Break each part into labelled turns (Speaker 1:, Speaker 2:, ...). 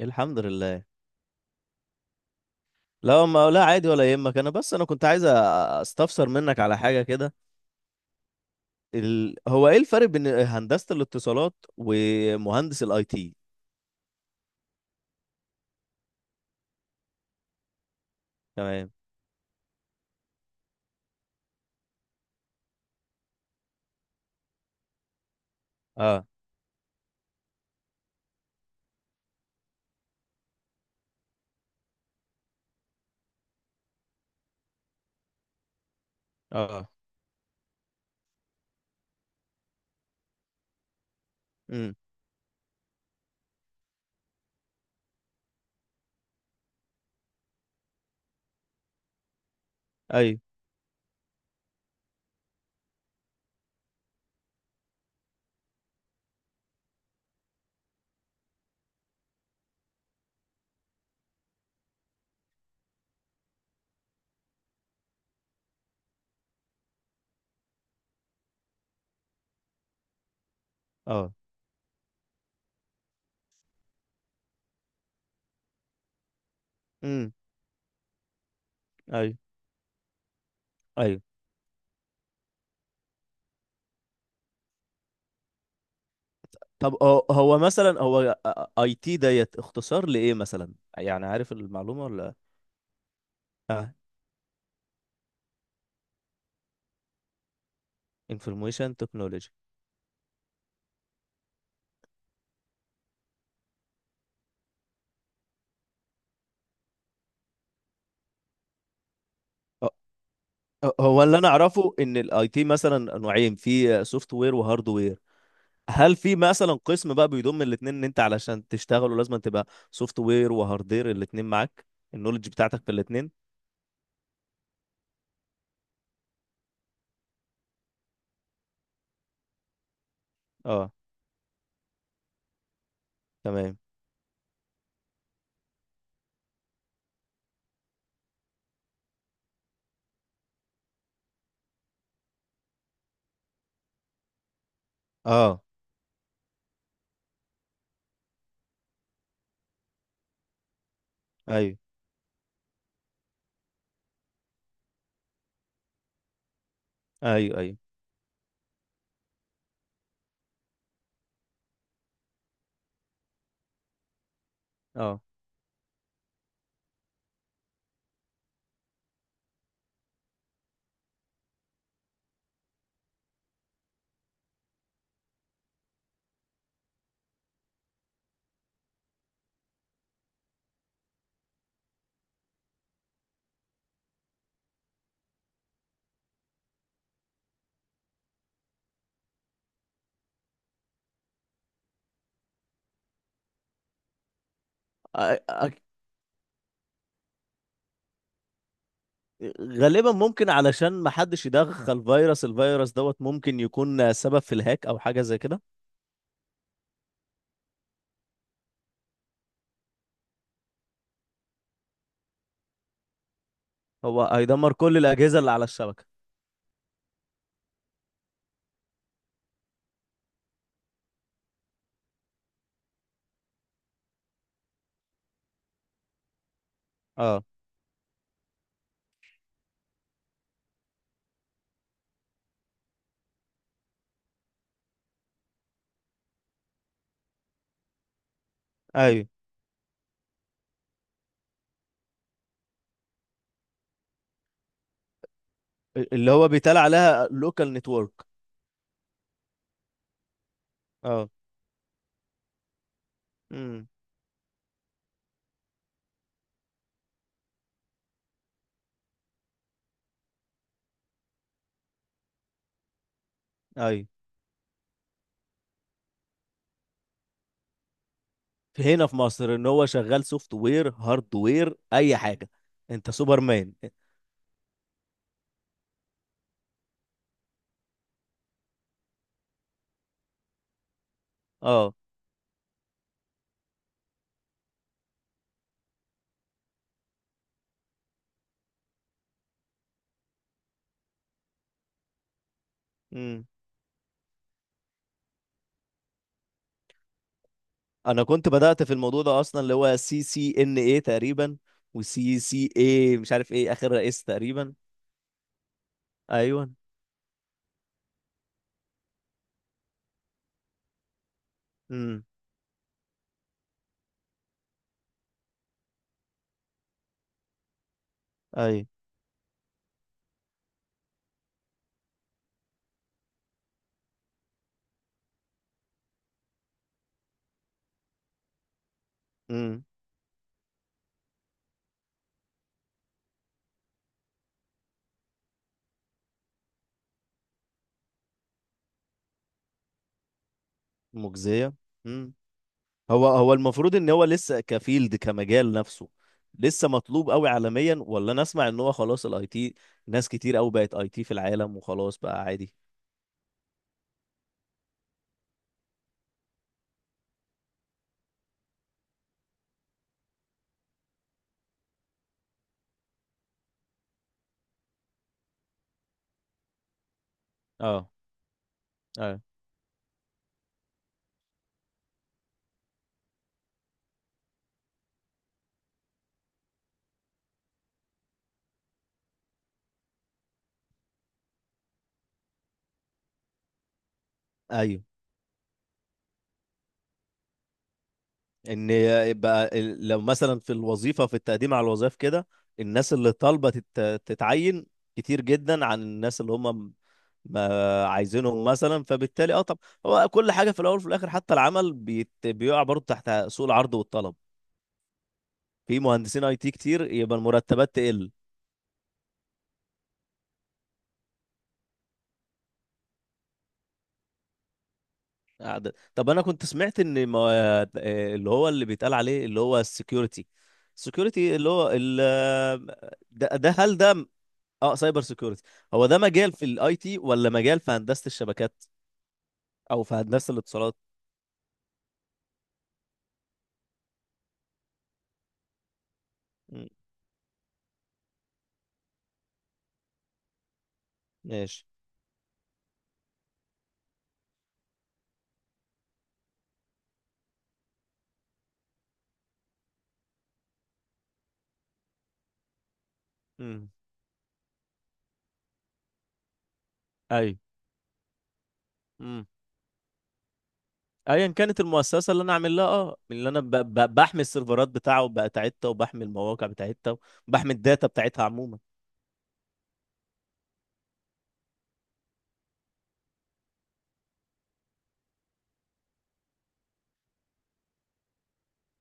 Speaker 1: الحمد لله. لا، ما لا عادي، ولا يهمك. بس انا كنت عايز استفسر منك على حاجه كده. هو ايه الفرق بين هندسه الاتصالات ومهندس الاي تي؟ تمام. اه، اه. امم. ايوه. اه. امم. ايوه، ايوه. طب، هو مثلا، اي تي ديت اختصار لايه مثلا؟ يعني عارف المعلومه ولا؟ اه. انفورميشن تكنولوجي. هو اللي انا اعرفه ان الاي تي مثلا نوعين، في سوفت وير وهارد وير. هل في مثلا قسم بقى بيضم الاثنين، ان انت علشان تشتغلوا لازم تبقى سوفت وير وهاردير الاثنين معاك، النولج بتاعتك في الاثنين؟ اه. تمام. اه. ايوه، ايوه، ايوه. اه. أ- أ- غالبا ممكن علشان ما حدش يدخل فيروس، الفيروس دوت ممكن يكون سبب في الهاك او حاجه زي كده. هو هيدمر كل الاجهزه اللي على الشبكه. اه، ايوه. اللي هو بيتقال عليها لوكال نتورك. اه. امم. ايوه. في هنا في مصر ان هو شغال سوفت وير هارد وير اي حاجه؟ انت سوبر مان. اه. امم. انا كنت بدات في الموضوع ده اصلا، اللي هو سي سي ان اي تقريبا، وسي سي اي مش عارف ايه اخر رئيس تقريبا. ايوه. امم. اي. امم. مجزيه. امم. هو المفروض ان هو لسه كفيلد كمجال نفسه، لسه مطلوب قوي عالميا، ولا انا اسمع ان هو خلاص الاي تي، ناس كتير قوي بقت اي تي في العالم وخلاص بقى عادي؟ اه. ايوه، ايوه. ان يبقى لو مثلا في الوظيفه، في التقديم على الوظائف كده، الناس اللي طالبه تتعين كتير جدا عن الناس اللي هم ما عايزينهم مثلا، فبالتالي طب هو كل حاجه في الاول وفي الاخر، حتى العمل بيقع برضه تحت سوق العرض والطلب. في مهندسين اي تي كتير يبقى المرتبات تقل. طب انا كنت سمعت ان ما اللي هو اللي بيتقال عليه اللي هو السكيورتي اللي هو ده، هل ده؟ اه، سايبر سيكيورتي. هو ده مجال في الاي تي ولا مجال في هندسة الشبكات او في هندسة الاتصالات؟ مم. ماشي. امم. اي. امم. ايا كانت المؤسسة اللي انا عامل لها، من اللي انا بحمي السيرفرات بتاعتها، وبحمي المواقع بتاعتها، وبحمي الداتا بتاعتها عموما.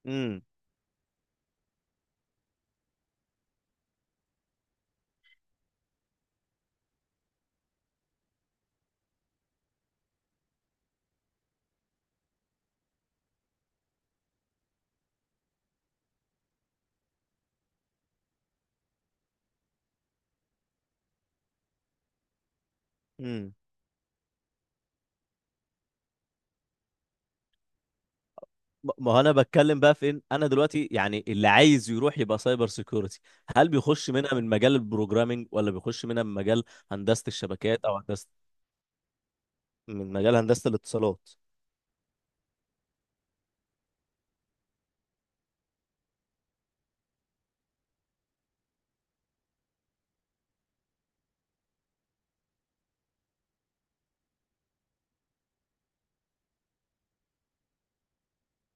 Speaker 1: امم. امم. ما هو انا بتكلم بقى فين انا دلوقتي، يعني اللي عايز يروح يبقى سايبر سيكيورتي، هل بيخش منها من مجال البروجرامينج، ولا بيخش منها من مجال هندسة الشبكات، او من مجال هندسة الاتصالات؟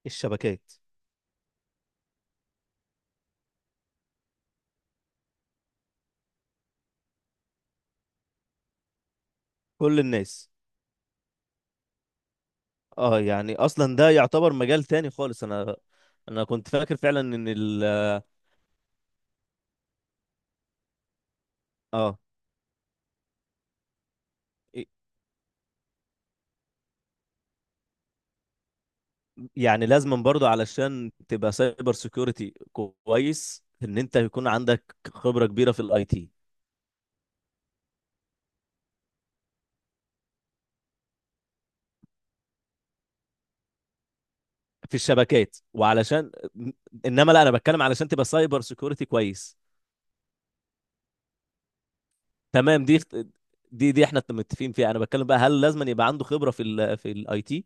Speaker 1: الشبكات. كل الناس. اه، يعني اصلا ده يعتبر مجال تاني خالص. انا كنت فاكر فعلا ان ال اه يعني لازم برضه علشان تبقى سايبر سيكيورتي كويس ان انت يكون عندك خبرة كبيرة في الاي تي، في الشبكات. وعلشان، انما لا، انا بتكلم علشان تبقى سايبر سيكيورتي كويس. تمام. دي، دي احنا متفقين فيها، انا بتكلم بقى هل لازم يبقى عنده خبرة في في الاي تي؟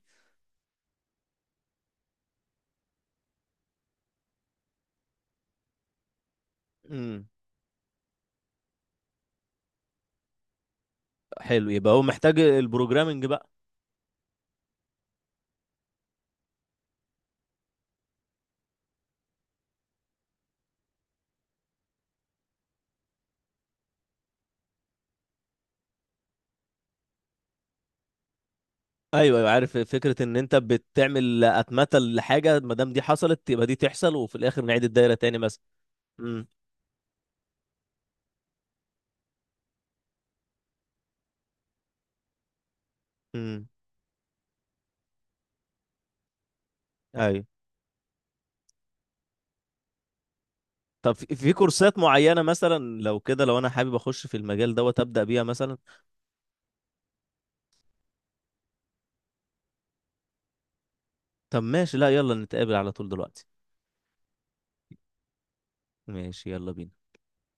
Speaker 1: امم. حلو، يبقى هو محتاج البروجرامنج بقى؟ ايوه، ايوه، عارف فكره ان انت بتعمل اتمته لحاجه، ما دام دي حصلت يبقى دي تحصل، وفي الاخر نعيد الدايره تاني مثلا. امم. امم. ايوه. طب، في كورسات معينه، مثلا لو كده، لو انا حابب اخش في المجال دوت ابدا بيها مثلا؟ طب ماشي، لا يلا نتقابل على طول دلوقتي. ماشي، يلا بينا.